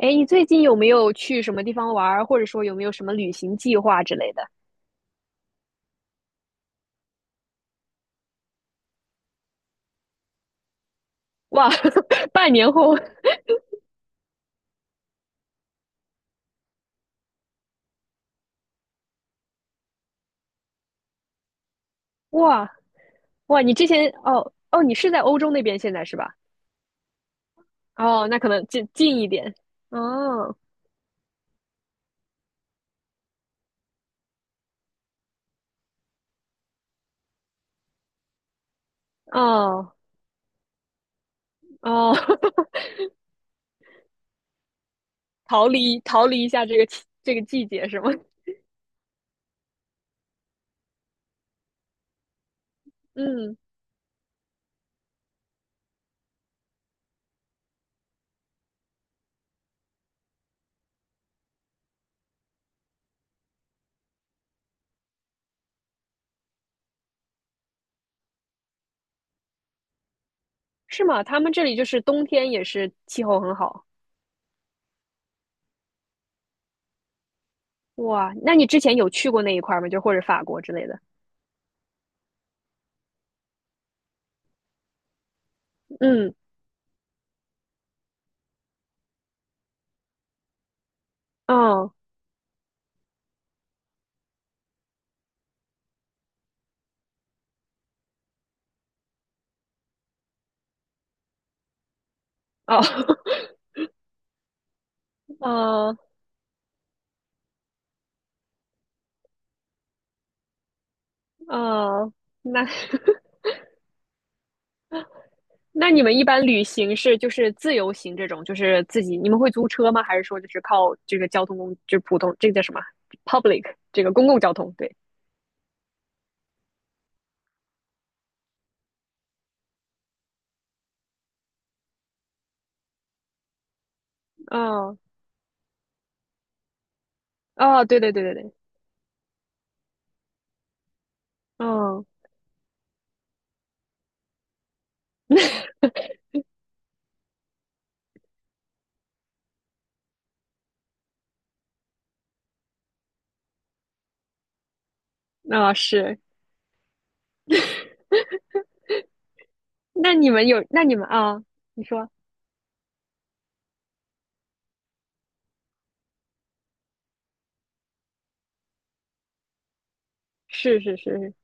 哎，你最近有没有去什么地方玩儿，或者说有没有什么旅行计划之类的？哇，半年后。哇哇，你之前，你是在欧洲那边现在是吧？哦，那可能近近一点。哦哦哦，逃离逃离一下这个季节是吗？嗯，是吗？他们这里就是冬天也是气候很好。哇，那你之前有去过那一块儿吗？就或者法国之类的？嗯，哦哦，哦哦，那 那你们一般旅行是就是自由行这种，就是自己，你们会租车吗？还是说就是靠这个交通工，就是普通，这个叫什么？Public，这个公共交通，对，嗯，哦，对，嗯，那是，那你们啊、你说是，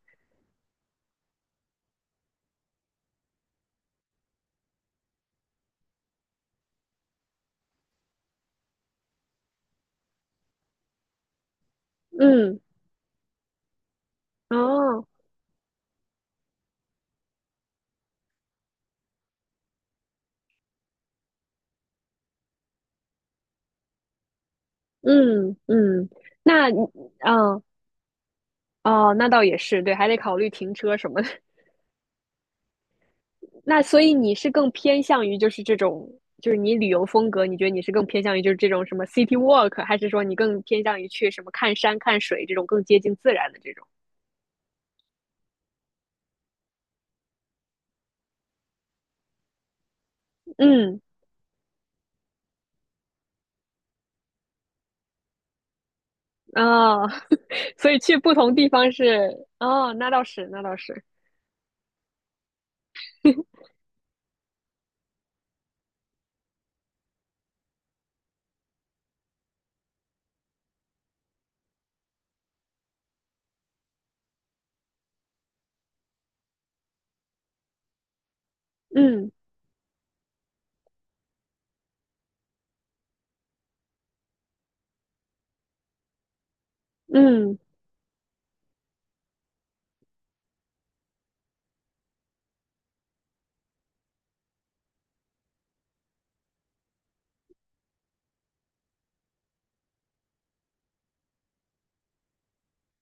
嗯，哦，嗯，那你，嗯，哦，那倒也是，对，还得考虑停车什么的，那所以你是更偏向于就是这种，就是你旅游风格，你觉得你是更偏向于就是这种什么 city walk，还是说你更偏向于去什么看山看水这种更接近自然的这种？嗯，啊，所以去不同地方是，哦，那倒是，嗯嗯。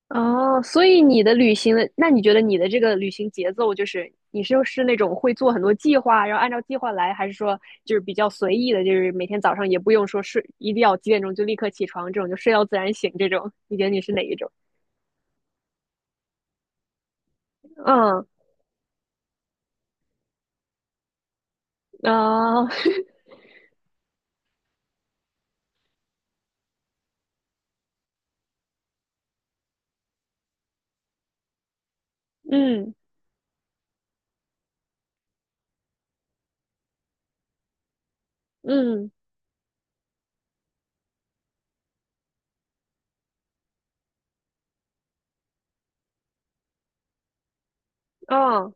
哦，所以你的旅行的，那你觉得你的这个旅行节奏就是，你是那种会做很多计划，然后按照计划来，还是说就是比较随意的，就是每天早上也不用说睡，一定要几点钟就立刻起床，这种就睡到自然醒这种？你觉得你是哪一种？嗯，啊，嗯嗯，哦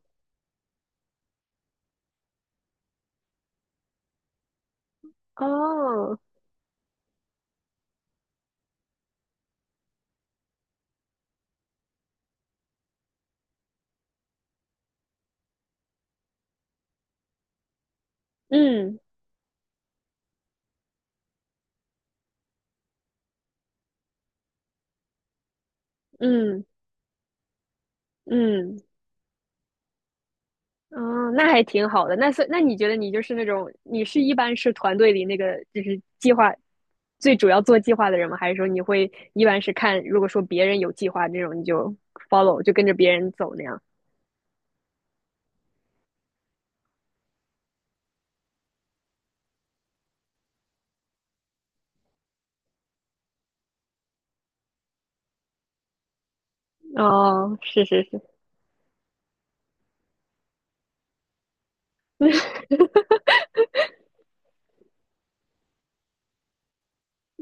哦，嗯嗯嗯，哦，那还挺好的。那是，那你觉得你就是那种，你是一般是团队里那个就是计划最主要做计划的人吗？还是说你会一般是看，如果说别人有计划这种，你就 follow 就跟着别人走那样？哦，是，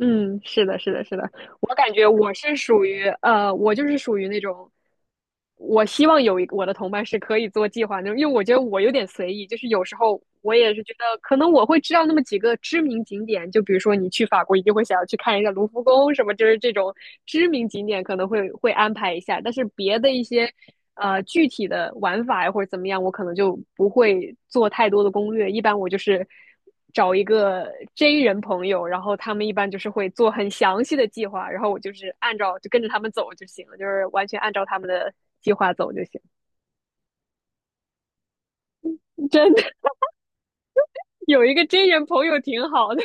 嗯，是的，我感觉我是属于我就是属于那种，我希望有一个我的同伴是可以做计划那种，因为我觉得我有点随意，就是有时候我也是觉得可能我会知道那么几个知名景点，就比如说你去法国一定会想要去看一下卢浮宫什么，就是这种知名景点可能会安排一下，但是别的一些具体的玩法呀或者怎么样，我可能就不会做太多的攻略，一般我就是。找一个 J 人朋友，然后他们一般就是会做很详细的计划，然后我就是按照就跟着他们走就行了，就是完全按照他们的计划走就行。真的，有一个 J 人朋友挺好的，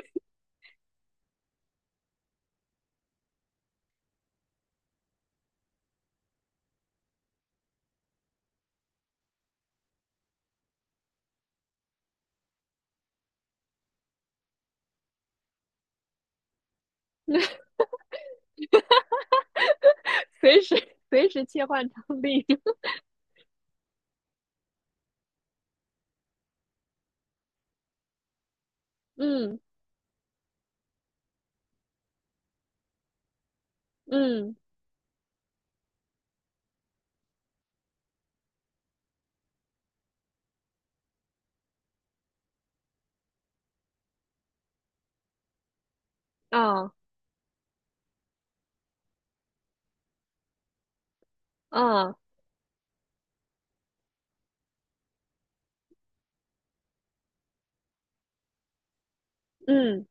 随时切换场地。嗯嗯，啊啊，嗯。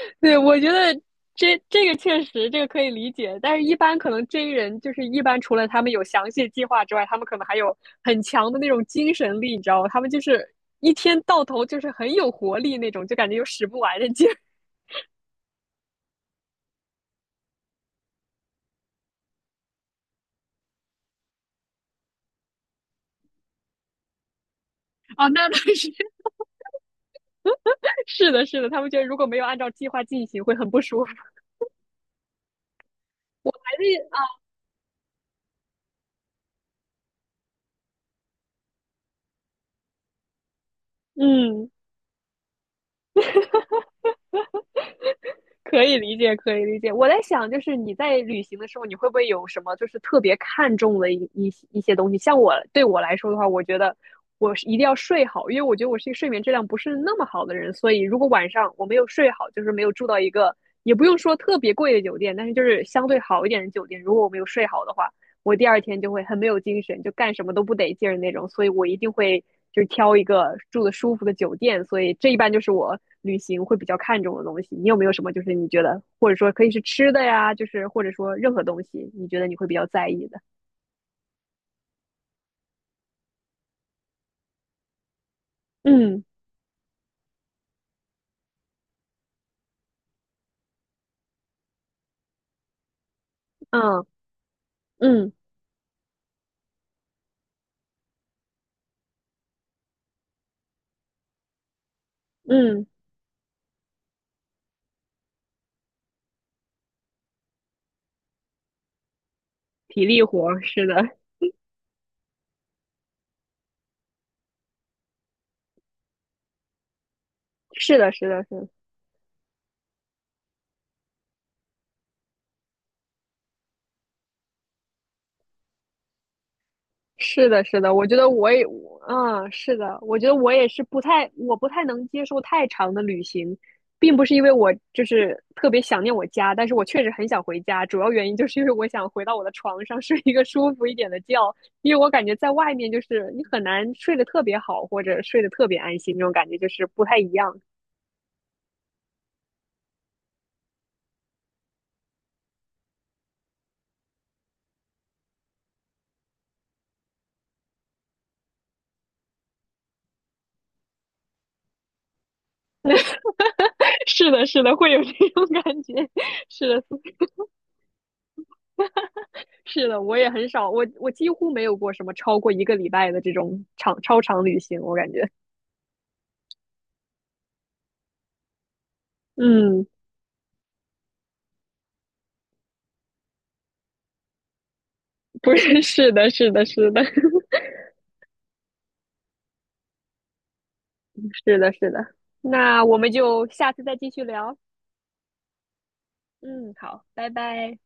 对，我觉得这个确实这个可以理解，但是一般可能 J 人就是一般除了他们有详细的计划之外，他们可能还有很强的那种精神力，你知道吗？他们就是一天到头就是很有活力那种，就感觉有使不完的劲儿。啊，那是 是的，他们觉得如果没有按照计划进行，会很不舒服。我还是啊，嗯。可以理解，可以理解。我在想，就是你在旅行的时候，你会不会有什么就是特别看重的一些东西？像对我来说的话，我觉得我是一定要睡好，因为我觉得我是一个睡眠质量不是那么好的人，所以如果晚上我没有睡好，就是没有住到一个也不用说特别贵的酒店，但是就是相对好一点的酒店，如果我没有睡好的话，我第二天就会很没有精神，就干什么都不得劲儿那种，所以我一定会就是挑一个住的舒服的酒店，所以这一般就是我旅行会比较看重的东西。你有没有什么就是你觉得，或者说可以是吃的呀，就是或者说任何东西，你觉得你会比较在意的？嗯嗯嗯嗯，体力活儿，是的。是的，我觉得我也，嗯，是的，我觉得我也是不太，我不太能接受太长的旅行，并不是因为我就是特别想念我家，但是我确实很想回家，主要原因就是因为我想回到我的床上睡一个舒服一点的觉，因为我感觉在外面就是你很难睡得特别好，或者睡得特别安心，那种感觉就是不太一样。是的，会有这种感觉。是的，是的，我也很少，我几乎没有过什么超过一个礼拜的这种超长旅行，我感觉，嗯，不是，是的，是的。那我们就下次再继续聊。嗯，好，拜拜。